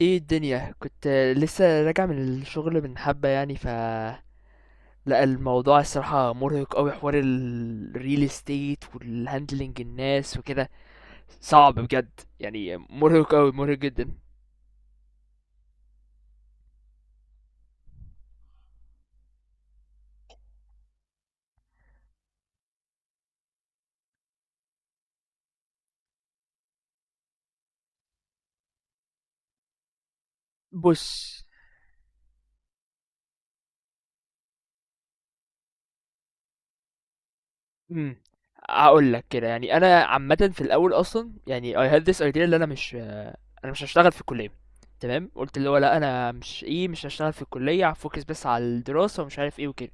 ايه الدنيا؟ كنت لسه راجع من الشغل من حبة يعني. لا الموضوع الصراحة مرهق قوي، حوار الريل استيت والهاندلنج الناس وكده. صعب بجد يعني، مرهق قوي مرهق جدا. بص. امم هقول لك كده يعني، انا عامة في الاول اصلا يعني I had this idea اللي انا مش هشتغل في الكلية. تمام، قلت اللي هو لا، انا مش هشتغل في الكلية، هفوكس بس على الدراسة ومش عارف ايه وكده.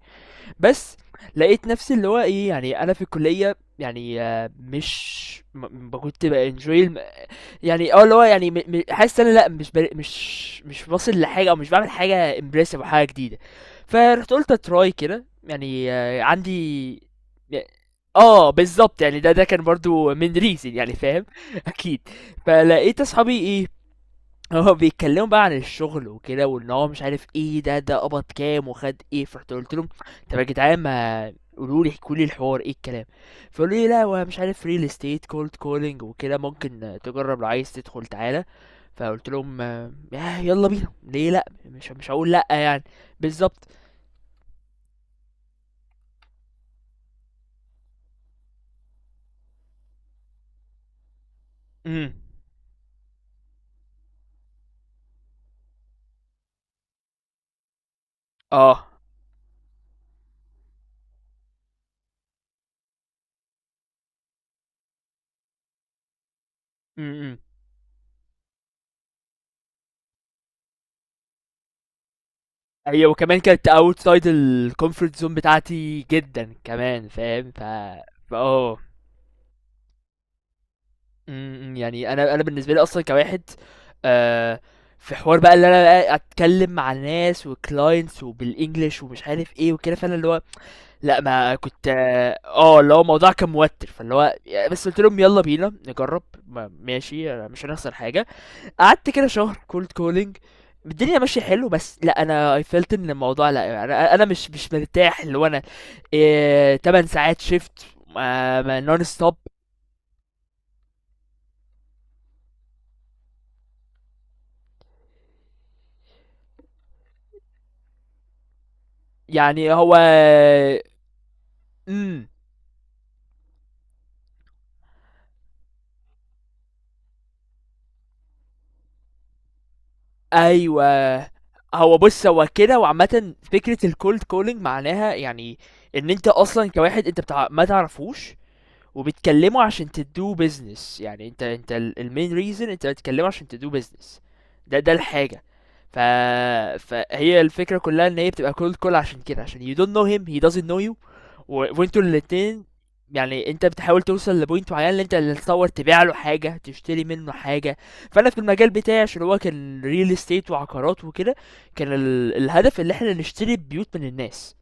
بس لقيت نفسي اللي هو إيه، يعني أنا في الكلية يعني، مش م ب كنت بانجوي يعني، اللي هو يعني، م م حاسس إن أنا لأ، مش واصل لحاجة، أو مش باعمل حاجة impressive أو حاجة جديدة. فرُحت قُلت أtry كده يعني، عندي ي بالضبط يعني، ده كان برضه من reason يعني، فاهم. أكيد. فلقيت أصحابي إيه، هو بيتكلموا بقى عن الشغل وكده، وان هو مش عارف ايه، ده قبض كام وخد ايه. فرحت قلت لهم طب يا جدعان، ما قولوا لي احكوا لي الحوار ايه الكلام. فقالوا لي لا، هو مش عارف، ريل استيت كولد كولينج وكده، ممكن تجرب، لو عايز تدخل تعالى. فقلت لهم، يلا بينا، ليه لا؟ مش هقول لا يعني. بالظبط. امم. اه. امم. ايوه. وكمان كانت اوت سايد الكومفورت زون بتاعتي جدا كمان، فاهم؟ ف اه إمم، إمم، يعني أنا بالنسبة لي أصلًا كواحد، آآ، في حوار بقى اللي أنا بقى أتكلم مع ناس وclients وبالEnglish، ومش عارف إيه وكده. فأنا اللي هو لأ، ما كنت، اللي هو الموضوع كان موتّر، فاللي هو بس قُلت لهم يالّا بينا نجرّب، ما ماشي، مش هنخسر حاجة. قعدت كده شهر cold calling، الدنيا ماشية حلو، بس لأ أنا I felt إن الموضوع لأ، أنا أنا مش مرتاح، اللي هو أنا 8 ساعات shift، ما non stop. يعني هو. امم. ايوه. هو بص، هو كده. وعامة فكرة الكولد كولينج معناها يعني، ان انت اصلا كواحد انت بتاع ما تعرفوش، وبتكلمه عشان تدوه بيزنس يعني، انت المين ريزن، انت بتكلمه عشان تدوه بيزنس. ده الحاجه. ف... فهي الفكره كلها ان هي بتبقى كولد كول، عشان كده عشان you don't know him he doesn't know you وانتوا الاتنين. يعني انت بتحاول توصل لبوينت معين، اللي انت اللي تصور، تبيع له حاجه تشتري منه حاجه. فانا في المجال بتاعي، عشان هو كان ريل استيت وعقارات وكده، كان الهدف اللي احنا نشتري بيوت من الناس.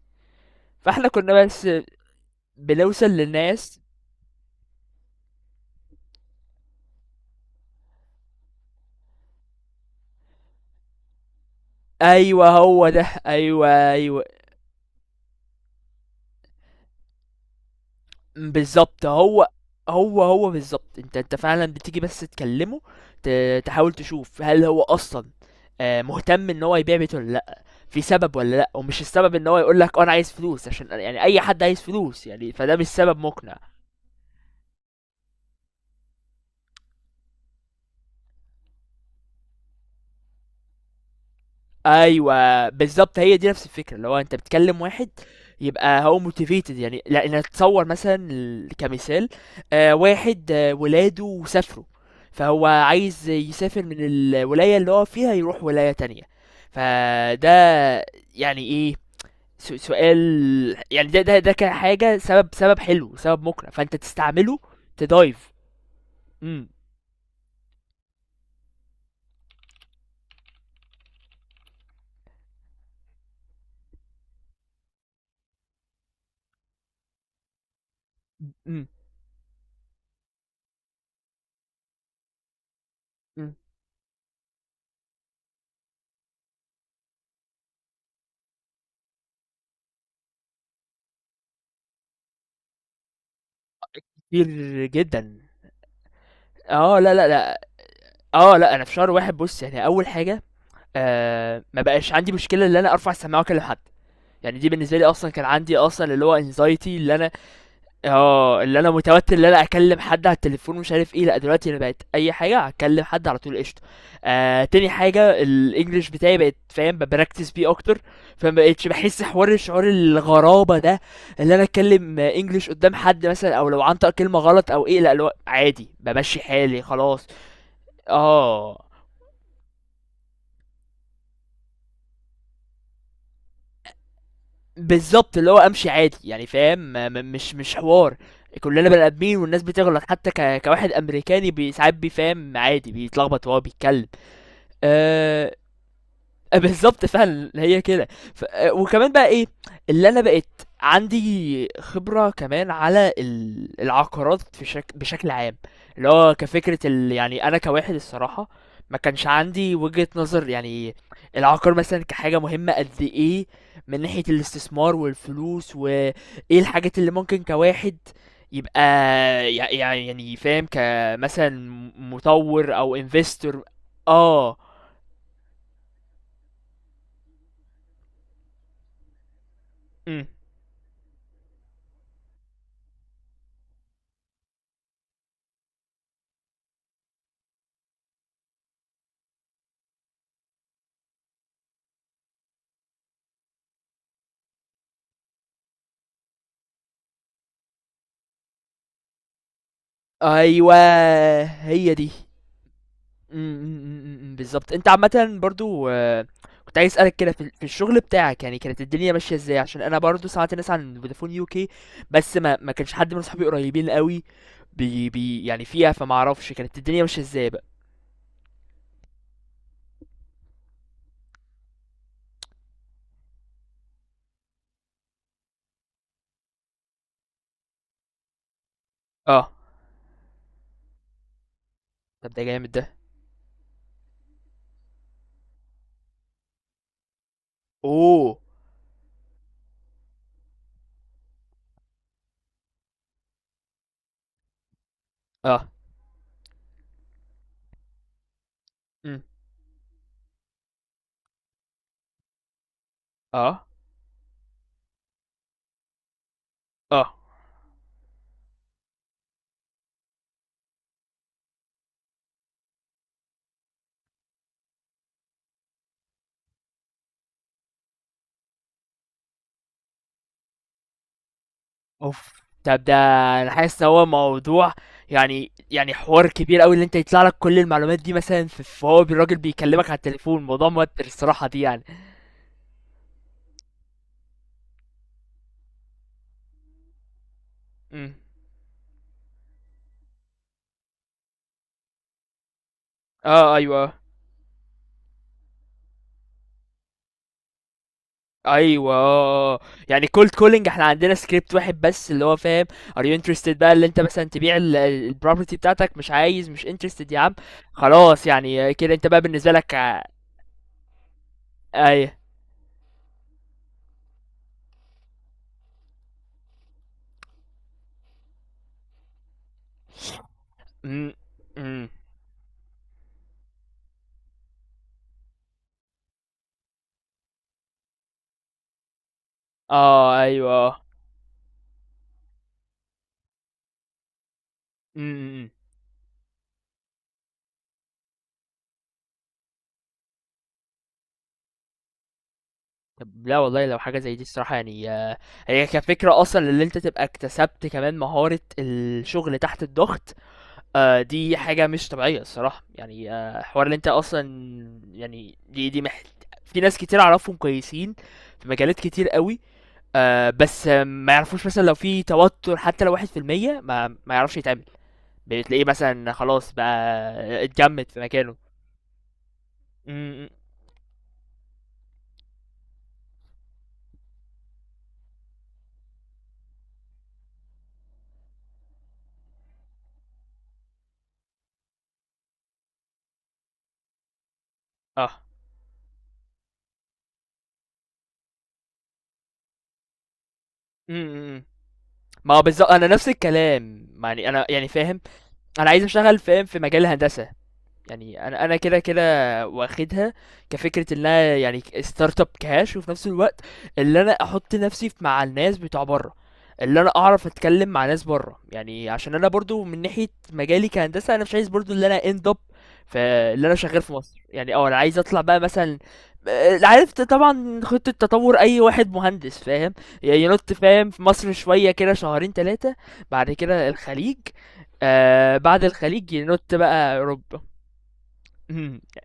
فاحنا كنا بس بنوصل للناس. ايوه هو ده، ايوه ايوه. بالظبط هو بالظبط، انت فعلا بتيجي بس تكلمه، تحاول تشوف هل هو اصلا، مهتم ان هو يبيع بيته ولا لا، في سبب ولا لا. ومش السبب ان هو يقول لك انا عايز فلوس، عشان يعني اي حد عايز فلوس يعني، فده مش سبب مقنع. ايوه بالظبط، هي دي نفس الفكره، اللي هو انت بتكلم واحد يبقى هو موتيفيتد يعني. لان اتصور مثلا، كمثال، واحد ولاده سافروا، فهو عايز يسافر من الولايه اللي هو فيها يروح ولايه تانية. فده يعني ايه، سؤال. يعني ده كان حاجه، سبب حلو، سبب مقنع، فانت تستعمله. تدايف. امم. امم. أمم. كتير جدا. اه لا لا لا. اه لا، انا في شهر واحد بص يعني، اول حاجه، ما بقاش عندي مشكله ان انا ارفع السماعه واكلم حد، يعني دي بالنسبه لي، اصلا كان عندي اصلا اللي هو انزايتي، اللي انا متوتر ان انا اكلم حد على التليفون ومش عارف ايه، لا دلوقتي انا بقت اي حاجه اكلم حد على طول قشطه. تاني حاجه، الانجليش بتاعي بقت، فاهم، ببراكتس بيه اكتر، فما بقتش بحس حوار شعور الغرابه ده، اللي انا اتكلم انجليش قدام حد مثلا، او لو عنطق كلمه غلط او ايه، لا لو عادي بمشي حالي خلاص. اه بالظبط، اللي هو امشي عادي يعني، فاهم، مش حوار. كلنا بني ادمين والناس بتغلط، حتى كواحد امريكاني، ساعات بيفهم عادي، بيتلخبط وهو بيتكلم. أه بالظبط فعلا هي كده. ف... وكمان بقى ايه، اللي انا بقيت عندي خبرة كمان على العقارات في بشكل عام. اللي هو كفكرة يعني انا كواحد، الصراحة ما كانش عندي وجهة نظر يعني، العقار مثلا كحاجة مهمة قد ايه، من ناحية الاستثمار والفلوس، وايه الحاجات اللي ممكن كواحد يبقى، يعني فاهم، كمثلا مطور او انفستور. اه. إمم. أيوه. هي دي. إمم، إمم، إمم، إمم، بالضبط. أنت عامةً برضه، كنت عايز أسألك كده، في الشغل بتاعك يعني، كانت الدنيا ماشية إزاي؟ عشان أنا برضه سمعت ناس عن فودافون UK، بس ما كانش حد من صحابي قريبين أوي بي يعني فيها، فما أعرفش كانت الدنيا ماشية إزاي بقى؟ آه، طب ده جامد ده. أوه! آه، إمم، آه، آه. اوف، طب ده انا حاسس ان هو موضوع يعني حوار كبير قوي، اللي انت يطلع لك كل المعلومات دي مثلا، فهو الراجل بيكلمك على التليفون، موضوع موتر الصراحة دي يعني. امم. اه. ايوه ايوه آه. يعني كولد كولينج احنا عندنا سكريبت واحد بس، اللي هو فاهم، ار يو انترستد بقى، اللي انت مثلا تبيع البروبرتي بتاعتك، مش عايز، مش انترستد يا عم، خلاص يعني، كده انت بقى بالنسبة لك ايوه. امم. امم. اه ايوه. امم. طب لا والله، لو حاجة زي دي الصراحة يعني، هي كفكرة أصلا اللي أنت تبقى اكتسبت كمان مهارة الشغل تحت الضغط، دي حاجة مش طبيعية الصراحة يعني، حوار اللي أنت أصلا يعني، دي دي في ناس كتير أعرفهم كويسين في مجالات كتير قوي، بس ما يعرفوش مثلا لو في توتر، حتى لو واحد في المية ما يعرفش يتعامل، بتلاقيه مثلا خلاص بقى اتجمد في مكانه. م- م- اه. م- م- م. ما هو بالظبط، انا نفس الكلام يعني، انا يعني فاهم، انا عايز اشتغل، فاهم، في مجال الهندسه، يعني انا كده كده واخدها، كفكره ان انا يعني ستارت اب كاش، وفي نفس الوقت اللي انا احط نفسي مع الناس بتوع بره، اللي انا اعرف اتكلم مع ناس بره يعني، عشان انا برضو من ناحيه مجالي كهندسه انا مش عايز برضو اللي انا اند اب في، اللي انا شغال في مصر يعني، انا عايز اطلع بقى مثلا، عارف، طبعا خطه تطور اي واحد مهندس، فاهم، يعني ينط فاهم في مصر شويه كده شهرين ثلاثه، بعد كده الخليج، بعد الخليج ينط بقى اوروبا.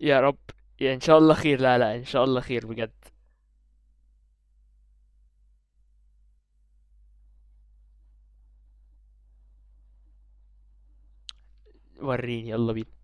يا رب، يا ان شاء الله خير، لا لا، ان شاء الله خير بجد. وريني يلا بينا.